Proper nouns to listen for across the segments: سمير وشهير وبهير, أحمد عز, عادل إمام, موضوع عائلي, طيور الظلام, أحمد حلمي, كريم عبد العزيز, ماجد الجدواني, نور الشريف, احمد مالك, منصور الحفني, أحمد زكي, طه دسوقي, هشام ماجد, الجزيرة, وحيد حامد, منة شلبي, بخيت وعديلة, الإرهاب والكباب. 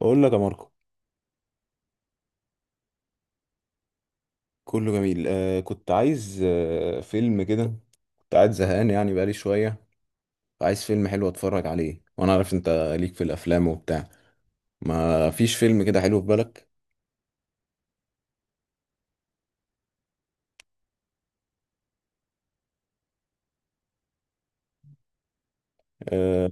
بقول لك يا ماركو. كله جميل. كنت عايز فيلم كده. كنت قاعد زهقان يعني بقالي شوية. عايز فيلم حلو اتفرج عليه، وانا عارف انت ليك في الافلام وبتاع. ما فيش فيلم كده حلو في بالك؟ آه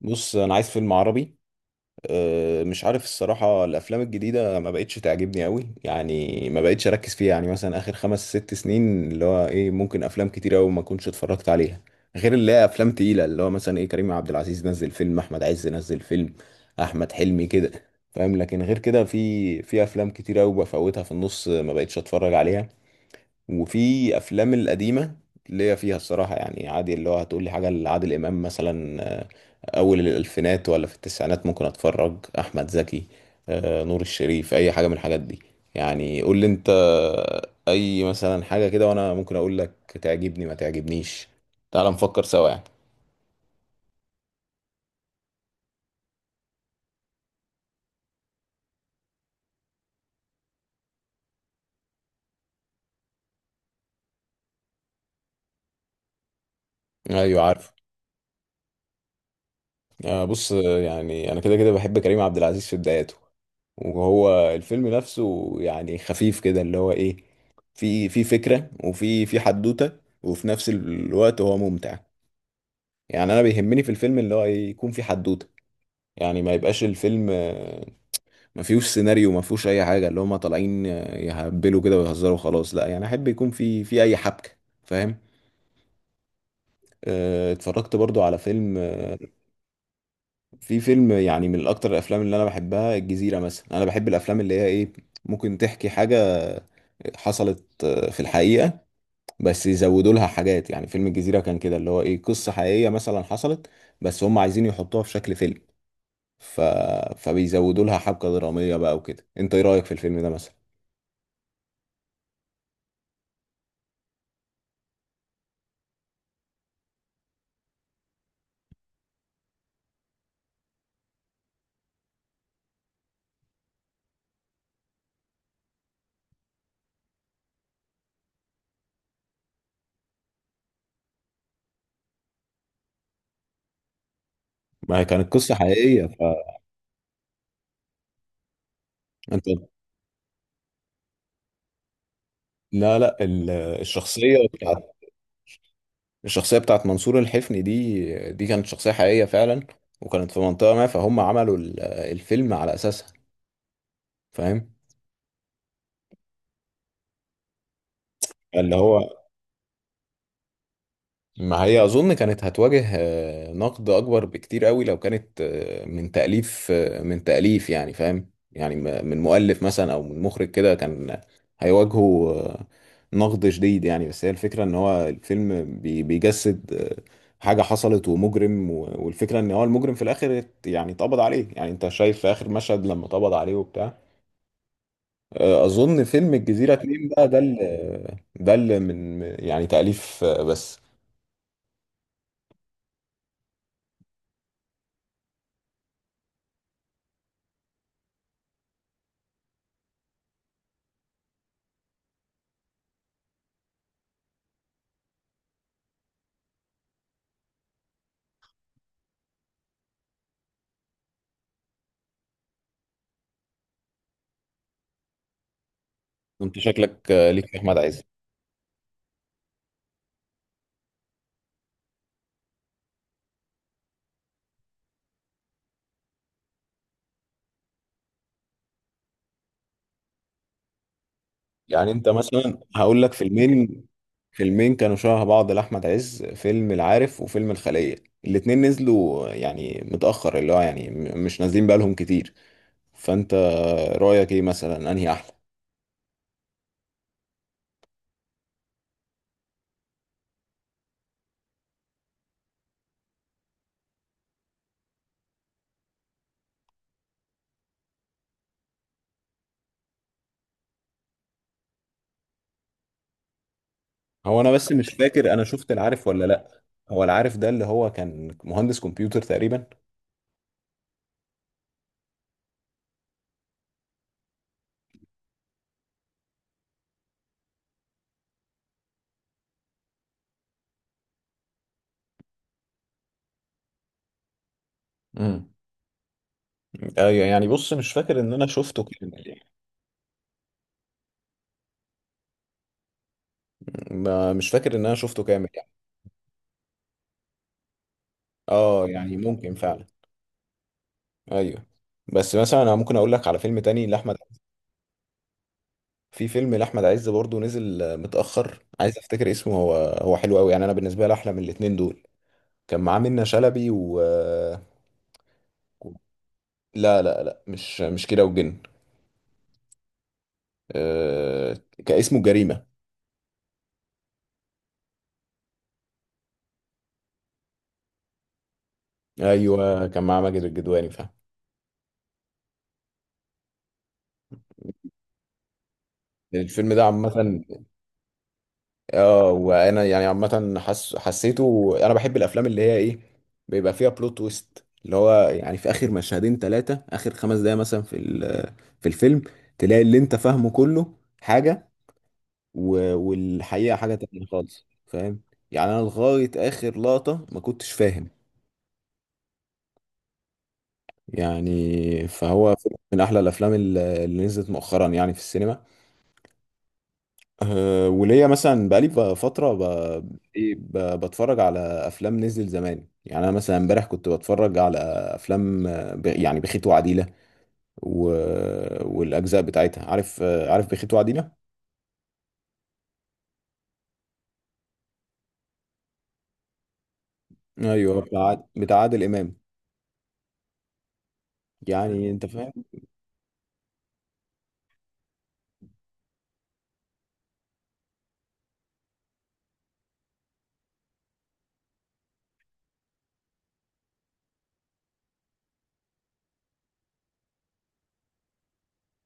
بص، انا عايز فيلم عربي. مش عارف الصراحة، الأفلام الجديدة ما بقتش تعجبني أوي، يعني ما بقتش أركز فيها. يعني مثلا آخر خمس ست سنين اللي هو إيه، ممكن أفلام كتير أوي ما كنتش اتفرجت عليها. غير اللي هي أفلام تقيلة، اللي هو مثلا إيه، كريم عبد العزيز نزل فيلم، أحمد عز نزل فيلم، أحمد حلمي كده. فاهم؟ لكن غير كده، في أفلام كتير أوي بفوتها في النص، ما بقتش أتفرج عليها. وفي أفلام القديمة اللي هي فيها، الصراحة يعني عادي، اللي هو هتقولي حاجة لعادل إمام مثلا، اول الالفينات ولا في التسعينات ممكن اتفرج، احمد زكي، نور الشريف، اي حاجه من الحاجات دي. يعني قول لي انت، اي مثلا حاجه كده، وانا ممكن اقول لك تعجبني ما تعجبنيش. تعال نفكر سوا يعني. ايوه، عارف. بص. يعني انا كده كده بحب كريم عبد العزيز في بداياته. وهو الفيلم نفسه يعني خفيف كده، اللي هو ايه، في فكره، وفي حدوته، وفي نفس الوقت هو ممتع. يعني انا بيهمني في الفيلم اللي هو إيه، يكون في حدوته. يعني ما يبقاش الفيلم ما فيهوش سيناريو، ما فيهوش اي حاجه، اللي هم طالعين يهبلوا كده ويهزروا خلاص. لا، يعني احب يكون في اي حبكه. فاهم؟ اتفرجت برضو على فيلم، في فيلم يعني من اكتر الافلام اللي انا بحبها الجزيره مثلا. انا بحب الافلام اللي هي ايه، ممكن تحكي حاجه حصلت في الحقيقه، بس يزودوا لها حاجات. يعني فيلم الجزيره كان كده، اللي هو ايه، قصه حقيقيه مثلا حصلت بس هم عايزين يحطوها في شكل فيلم. ف... فبيزودوا لها حبكة درامية بقى وكده. انت ايه رأيك في الفيلم ده مثلا؟ ما هي كانت قصة حقيقية فانت... لا، لا، الشخصية بتاعت منصور الحفني، دي كانت شخصية حقيقية فعلا. وكانت في منطقة ما، فهم عملوا الفيلم على أساسها. فاهم؟ اللي هو، ما هي اظن كانت هتواجه نقد اكبر بكتير قوي، لو كانت من تأليف، يعني فاهم يعني، من مؤلف مثلا او من مخرج كده، كان هيواجهه نقد شديد يعني. بس هي الفكرة ان هو الفيلم بيجسد حاجة حصلت ومجرم، والفكرة ان هو المجرم في الاخر، يعني اتقبض عليه. يعني انت شايف في اخر مشهد لما اتقبض عليه وبتاع. اظن فيلم الجزيرة اتنين بقى، ده اللي من يعني تأليف، بس. انت شكلك ليك في احمد عز. يعني انت مثلا هقول لك فيلمين، فيلمين كانوا شبه بعض لاحمد عز، فيلم العارف وفيلم الخلية. الاتنين نزلوا يعني متأخر، اللي هو يعني مش نازلين بقالهم كتير. فانت رأيك ايه مثلا، انهي احلى؟ هو انا بس مش فاكر انا شفت العارف ولا لا. هو العارف ده، اللي هو كان مهندس كمبيوتر تقريبا. امم. ايوه، يعني بص مش فاكر ان انا شفته كامل يعني. مش فاكر ان انا شفته كامل يعني. اه، يعني ممكن فعلا. ايوه. بس مثلا انا ممكن اقول لك على فيلم تاني لاحمد. في فيلم لاحمد عز برضه نزل متاخر، عايز افتكر اسمه، هو حلو قوي، يعني انا بالنسبه لي احلى من الاتنين دول. كان معاه منة شلبي و لا، لا، لا، مش كده وجن. آه، كان اسمه جريمه. ايوه، كان معاه ماجد الجدواني. فاهم؟ الفيلم ده عامه، اه، وانا يعني عامه حسيته. انا بحب الافلام اللي هي ايه، بيبقى فيها بلوت تويست، اللي هو يعني في اخر مشهدين ثلاثه، اخر 5 دقايق مثلا في الفيلم، تلاقي اللي انت فاهمه كله حاجه والحقيقه حاجه تانية خالص. فاهم؟ يعني انا لغايه اخر لقطه ما كنتش فاهم. يعني فهو فيلم من احلى الافلام اللي نزلت مؤخرا يعني في السينما. وليا مثلا بقالي فترة، إيه، بتفرج على أفلام نزل زمان. يعني أنا مثلا امبارح كنت بتفرج على أفلام، يعني بخيت وعديلة و... والأجزاء بتاعتها. عارف عارف بخيت وعديلة؟ أيوه، بتاع عادل إمام. يعني أنت فاهم؟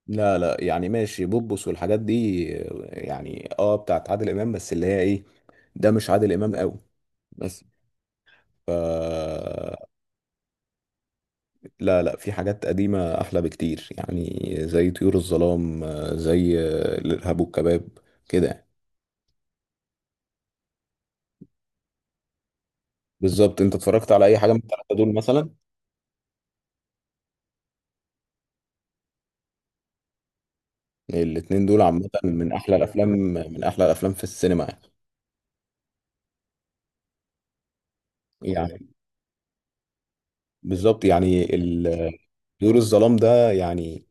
لا، لا، يعني ماشي بوبوس والحاجات دي، يعني بتاعت عادل إمام، بس اللي هي إيه، ده مش عادل إمام قوي، بس ف لا، لا، في حاجات قديمة أحلى بكتير، يعني زي طيور الظلام، زي الإرهاب والكباب كده يعني. بالظبط، أنت اتفرجت على أي حاجة من التلاتة دول مثلا؟ الاتنين دول عامة، من أحلى الأفلام في السينما يعني. يعني بالظبط يعني طيور الظلام ده، يعني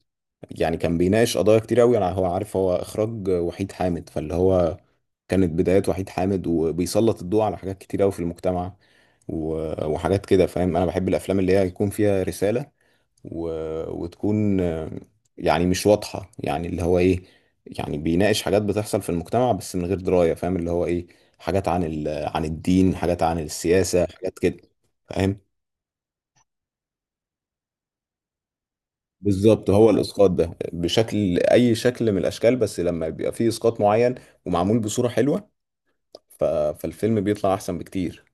يعني كان بيناقش قضايا كتير قوي. انا عارف هو اخراج وحيد حامد، فاللي هو، كانت بدايات وحيد حامد، وبيسلط الضوء على حاجات كتير قوي في المجتمع وحاجات كده. فاهم؟ انا بحب الافلام اللي هي يكون فيها رسالة، و... وتكون يعني مش واضحة، يعني اللي هو ايه، يعني بيناقش حاجات بتحصل في المجتمع بس من غير دراية. فاهم؟ اللي هو ايه، حاجات عن عن الدين، حاجات عن السياسة، حاجات كده. فاهم؟ بالظبط. هو الاسقاط ده بشكل، اي شكل من الاشكال، بس لما بيبقى فيه اسقاط معين ومعمول بصورة حلوة، ف... فالفيلم بيطلع احسن بكتير.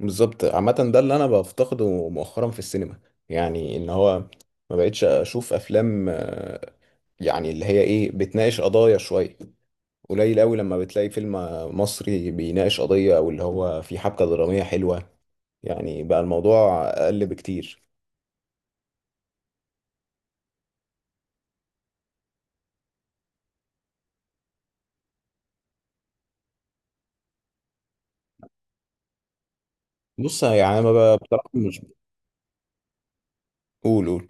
بالظبط. عامة ده اللي انا بفتقده مؤخرا في السينما، يعني ان هو ما بقتش اشوف افلام، يعني اللي هي ايه بتناقش قضايا شوية. قليل قوي لما بتلاقي فيلم مصري بيناقش قضية، او اللي هو فيه حبكة درامية حلوة. يعني بقى الموضوع اقل بكتير. بص يعني انا ما بقى بصراحة مش... قول، قول.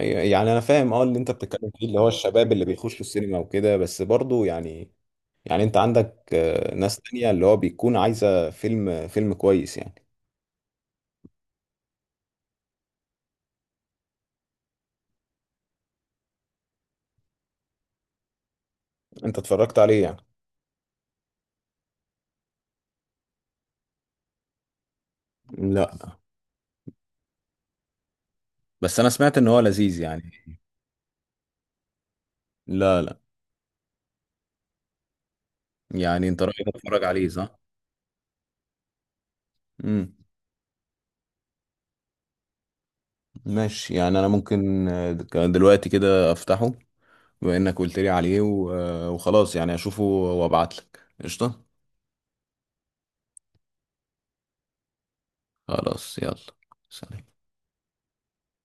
أيوة، يعني انا فاهم اه اللي انت بتتكلم فيه، اللي هو الشباب اللي بيخشوا السينما وكده، بس برضو يعني، يعني انت عندك ناس تانية اللي هو بيكون عايزة فيلم كويس يعني. انت اتفرجت عليه يعني؟ لا، بس انا سمعت ان هو لذيذ يعني. لا، لا. يعني انت رأيك اتفرج عليه، صح؟ امم. ماشي. يعني انا ممكن دلوقتي كده افتحه، بما انك قلت لي عليه وخلاص يعني، اشوفه وابعت لك قشطة. خلاص، يلا، سلام.